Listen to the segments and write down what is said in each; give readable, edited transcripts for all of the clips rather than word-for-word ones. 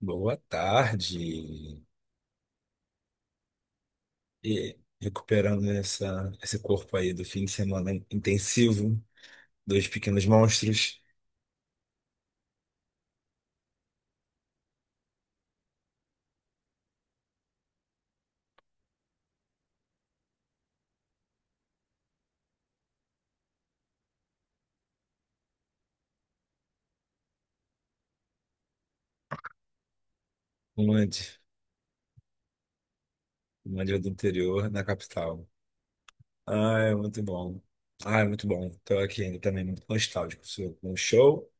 Boa tarde. E recuperando esse corpo aí do fim de semana intensivo, dois pequenos monstros, um antes, um ali do interior, na capital. Ah, é muito bom. Ah, é muito bom. Estou aqui ainda também muito nostálgico sou com o show.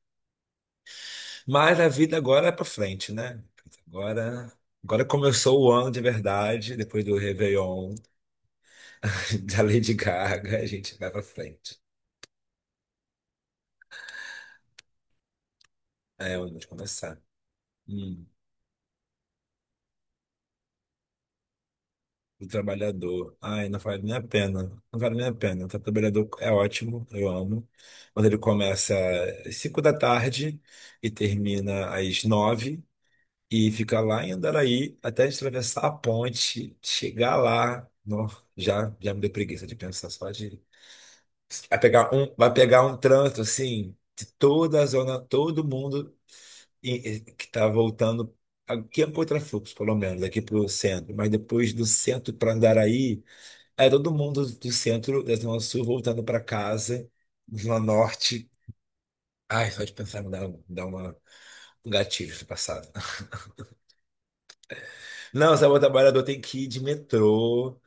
Mas a vida agora é para frente, né? Agora, agora começou o ano de verdade, depois do Réveillon, da Lady Gaga, a gente vai para frente. É onde começar. Hum. Do trabalhador. Ai, não vale nem a pena. Não vale nem a pena. O trabalhador é ótimo, eu amo. Mas ele começa às 5 da tarde e termina às 9 e fica lá em Andaraí até a gente atravessar a ponte, chegar lá. Nó, já me deu preguiça de pensar só de. Vai pegar um trânsito assim, de toda a zona, todo mundo e que está voltando. Aqui é um contrafluxo, pelo menos, aqui para o centro, mas depois do centro para Andaraí. Aí todo mundo do centro da Zona Sul voltando para casa, Zona Norte. Ai, só de pensar me dá um gatilho do passado. Não, sabe, o trabalhador tem que ir de metrô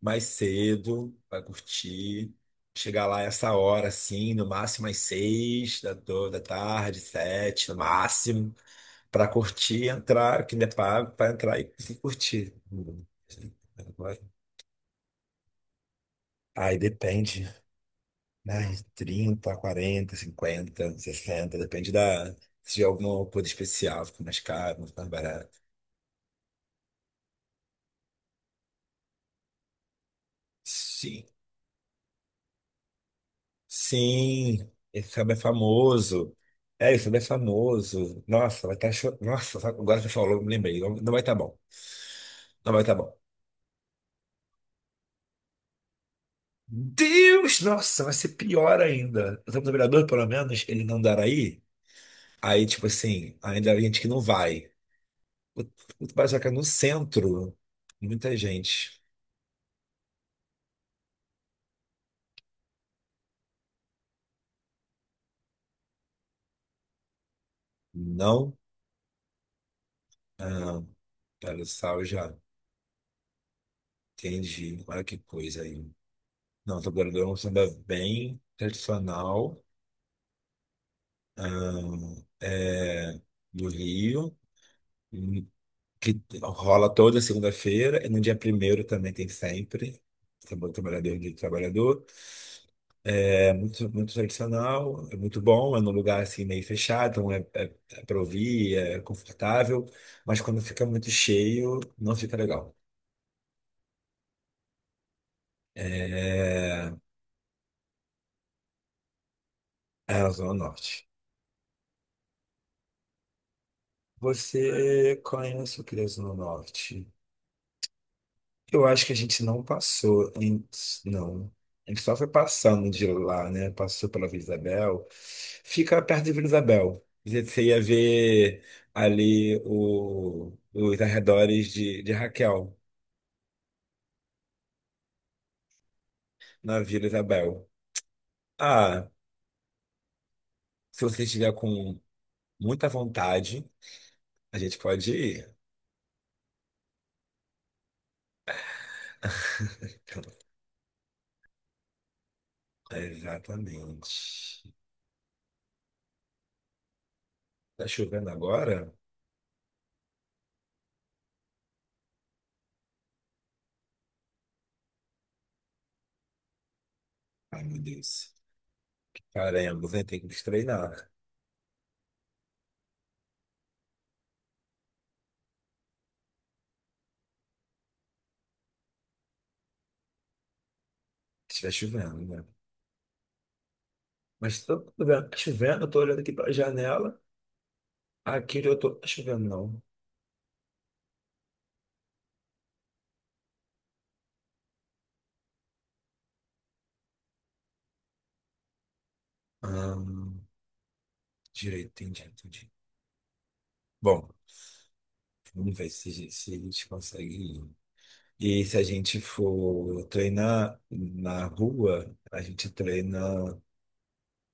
mais cedo para curtir. Chegar lá essa hora, assim, no máximo às da tarde, sete, no máximo, para curtir, e entrar, que não é pago, para entrar e curtir. Aí depende. Mais 30, 40, 50, 60, depende da. Se tiver alguma coisa especial, fica mais caro, não fica mais barato. Sim. Sim, esse samba é famoso. É, esse samba é famoso. Nossa, vai estar chorando. Nossa, sabe, agora você falou, me lembrei. Não, não vai estar bom. Não vai estar bom. Deus, nossa, vai ser pior ainda. O Santo Vereador, pelo menos, ele não dará aí. Aí, tipo assim, ainda há gente que não vai. O, o Barzoca no centro, muita gente. Não. Ah, tá no sal já. Entendi. Olha que coisa aí. Não, tô guardando é um samba bem tradicional ahn, é, do Rio, hum, que rola toda segunda-feira e no dia primeiro também tem sempre. Samba do Trabalhador e do Trabalhador. É muito, muito tradicional, é muito bom, é num lugar assim meio fechado, é para ouvir, é confortável, mas quando fica muito cheio, não fica legal. É, é a Zona Norte. Você conhece o Criança no Norte? Eu acho que a gente não passou, não. A gente só foi passando de lá, né? Passou pela Vila Isabel. Fica perto de Vila Isabel. Você ia ver ali os arredores de Raquel, na Vila Isabel. Ah, se você estiver com muita vontade, a gente pode ir. Exatamente. Tá chovendo agora? Ai, meu Deus. Caramba, né? Tem que se treinar, né? Se estiver chovendo, né? Mas se tá chovendo, tá chovendo, eu tô olhando aqui pela janela. Aqui onde eu tô, tá chovendo, não. Ah, direito, entendi, entendi. Bom, vamos ver se a gente consegue ir. E se a gente for treinar na rua, a gente treina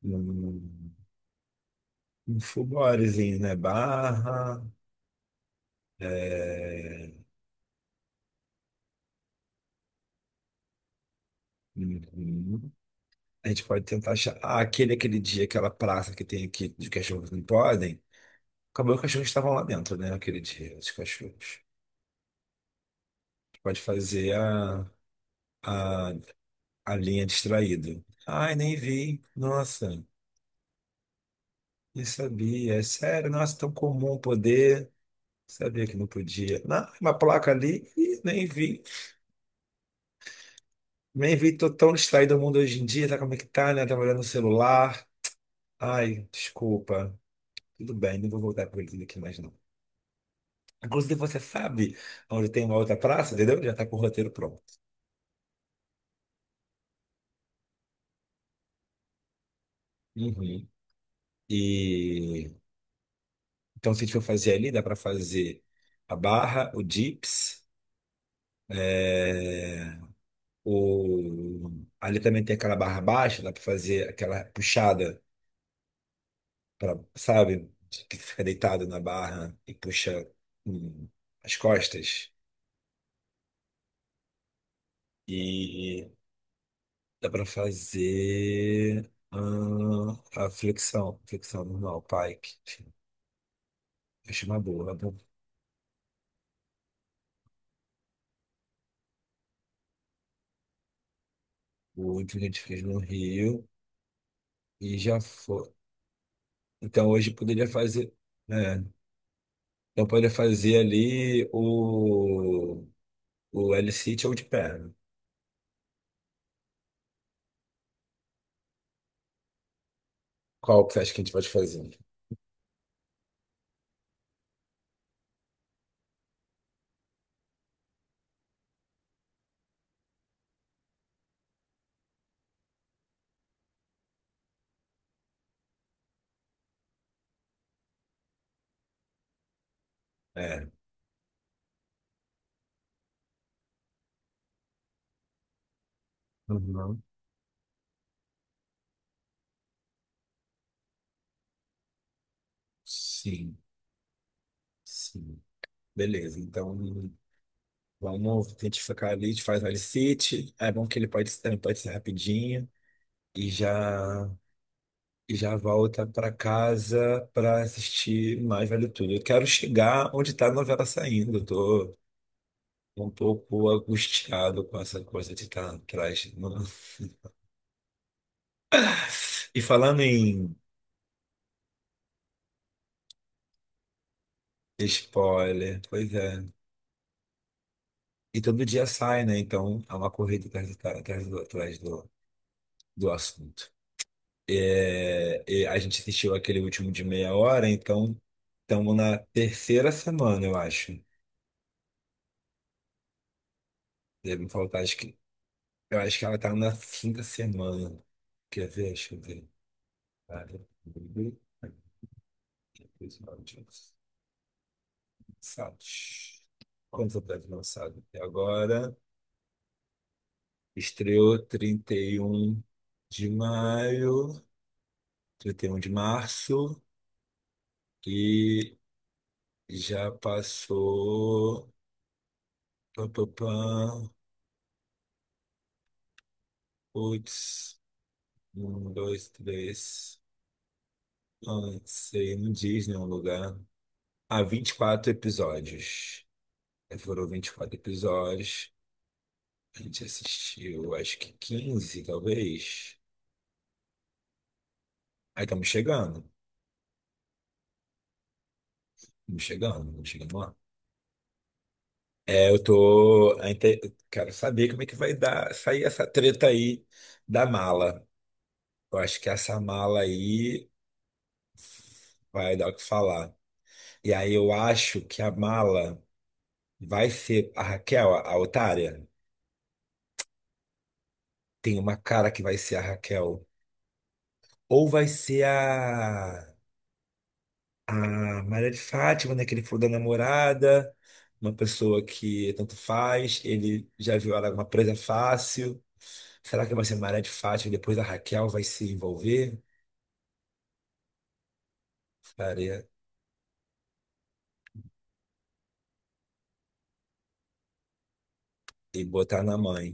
num, num full bodyzinho, né? Barra, é, uhum. A gente pode tentar achar. Ah, aquele dia, aquela praça que tem aqui de cachorros não podem. Acabou que os cachorros estavam lá dentro, né? Aquele dia, os cachorros. Pode fazer a, a linha distraído. Ai, nem vi. Nossa, nem sabia. É sério, nossa, tão comum poder. Sabia que não podia. Não, uma placa ali, ih, nem vi. Nem vi, tô tão distraído o mundo hoje em dia, tá como é que tá, né? Trabalhando no celular. Ai, desculpa. Tudo bem, não vou voltar com eles aqui mais não. Inclusive, você sabe onde tem uma outra praça, entendeu? Já tá com o roteiro pronto. Uhum. E então, se a gente for fazer ali, dá para fazer a barra, o dips, é, o... Ali também tem aquela barra baixa, dá para fazer aquela puxada, pra, sabe? Que fica deitado na barra e puxa hum, as costas. E dá para fazer a flexão, flexão normal, pike. Enfim, acho uma boa, é bom. O último que a gente fez no Rio e já foi. Então, hoje poderia fazer, né? Então poderia fazer o L-sit ou de perna. Qual que você acha que a gente pode fazer? É. Uhum. Sim, sim. Beleza, então vamos tentar ficar ali, a gente faz o L-sit. É bom que ele pode ser rapidinho e já, e já volta para casa para assistir Mais Vale Tudo. Eu quero chegar onde está a novela saindo. Eu tô um pouco angustiado com essa coisa de estar atrás, e falando em spoiler, pois é. E todo dia sai, né? Então há uma corrida atrás do do assunto. É, e a gente assistiu aquele último de meia hora, então estamos na terceira semana, eu acho. Deve me faltar, acho que eu acho que ela tá na quinta semana. Quer ver? Deixa eu ver. Lançados. Quantos episódios lançados até agora? Estreou 31 de maio, 31 de março e já passou. Pá, pá, pá, putz, um, dois, três. Ah, isso aí não diz nenhum lugar. Há 24 episódios. Foram 24 episódios. A gente assistiu, acho que 15, talvez. Aí estamos chegando. Estamos chegando, estamos chegando lá. É, eu tô, eu quero saber como é que vai dar, sair essa treta aí da mala. Eu acho que essa mala aí vai dar o que falar. E aí eu acho que a mala vai ser a Raquel, a otária. Tem uma cara que vai ser a Raquel. Ou vai ser a Maria de Fátima, né, que ele falou da namorada, uma pessoa que tanto faz, ele já viu ela uma presa fácil. Será que vai ser Maria de Fátima e depois a Raquel vai se envolver? Faria e botar na mãe.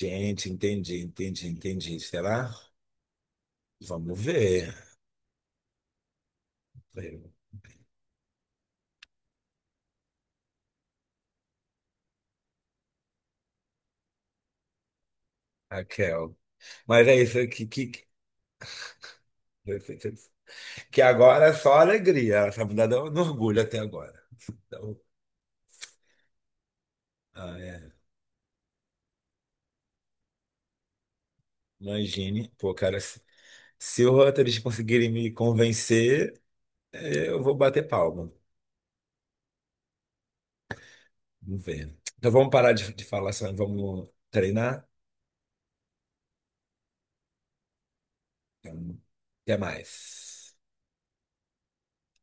Gente, entendi, entendi, entendi. Será? Vamos ver. Raquel. Mas é isso que agora é só alegria. Ela tá mudada no orgulho até agora. Então, ah, é. Imagine, pô, cara, se o Rutgers conseguirem me convencer, eh, eu vou bater palma. Vamos ver. Então vamos parar de falar só, e vamos treinar? Então, até mais.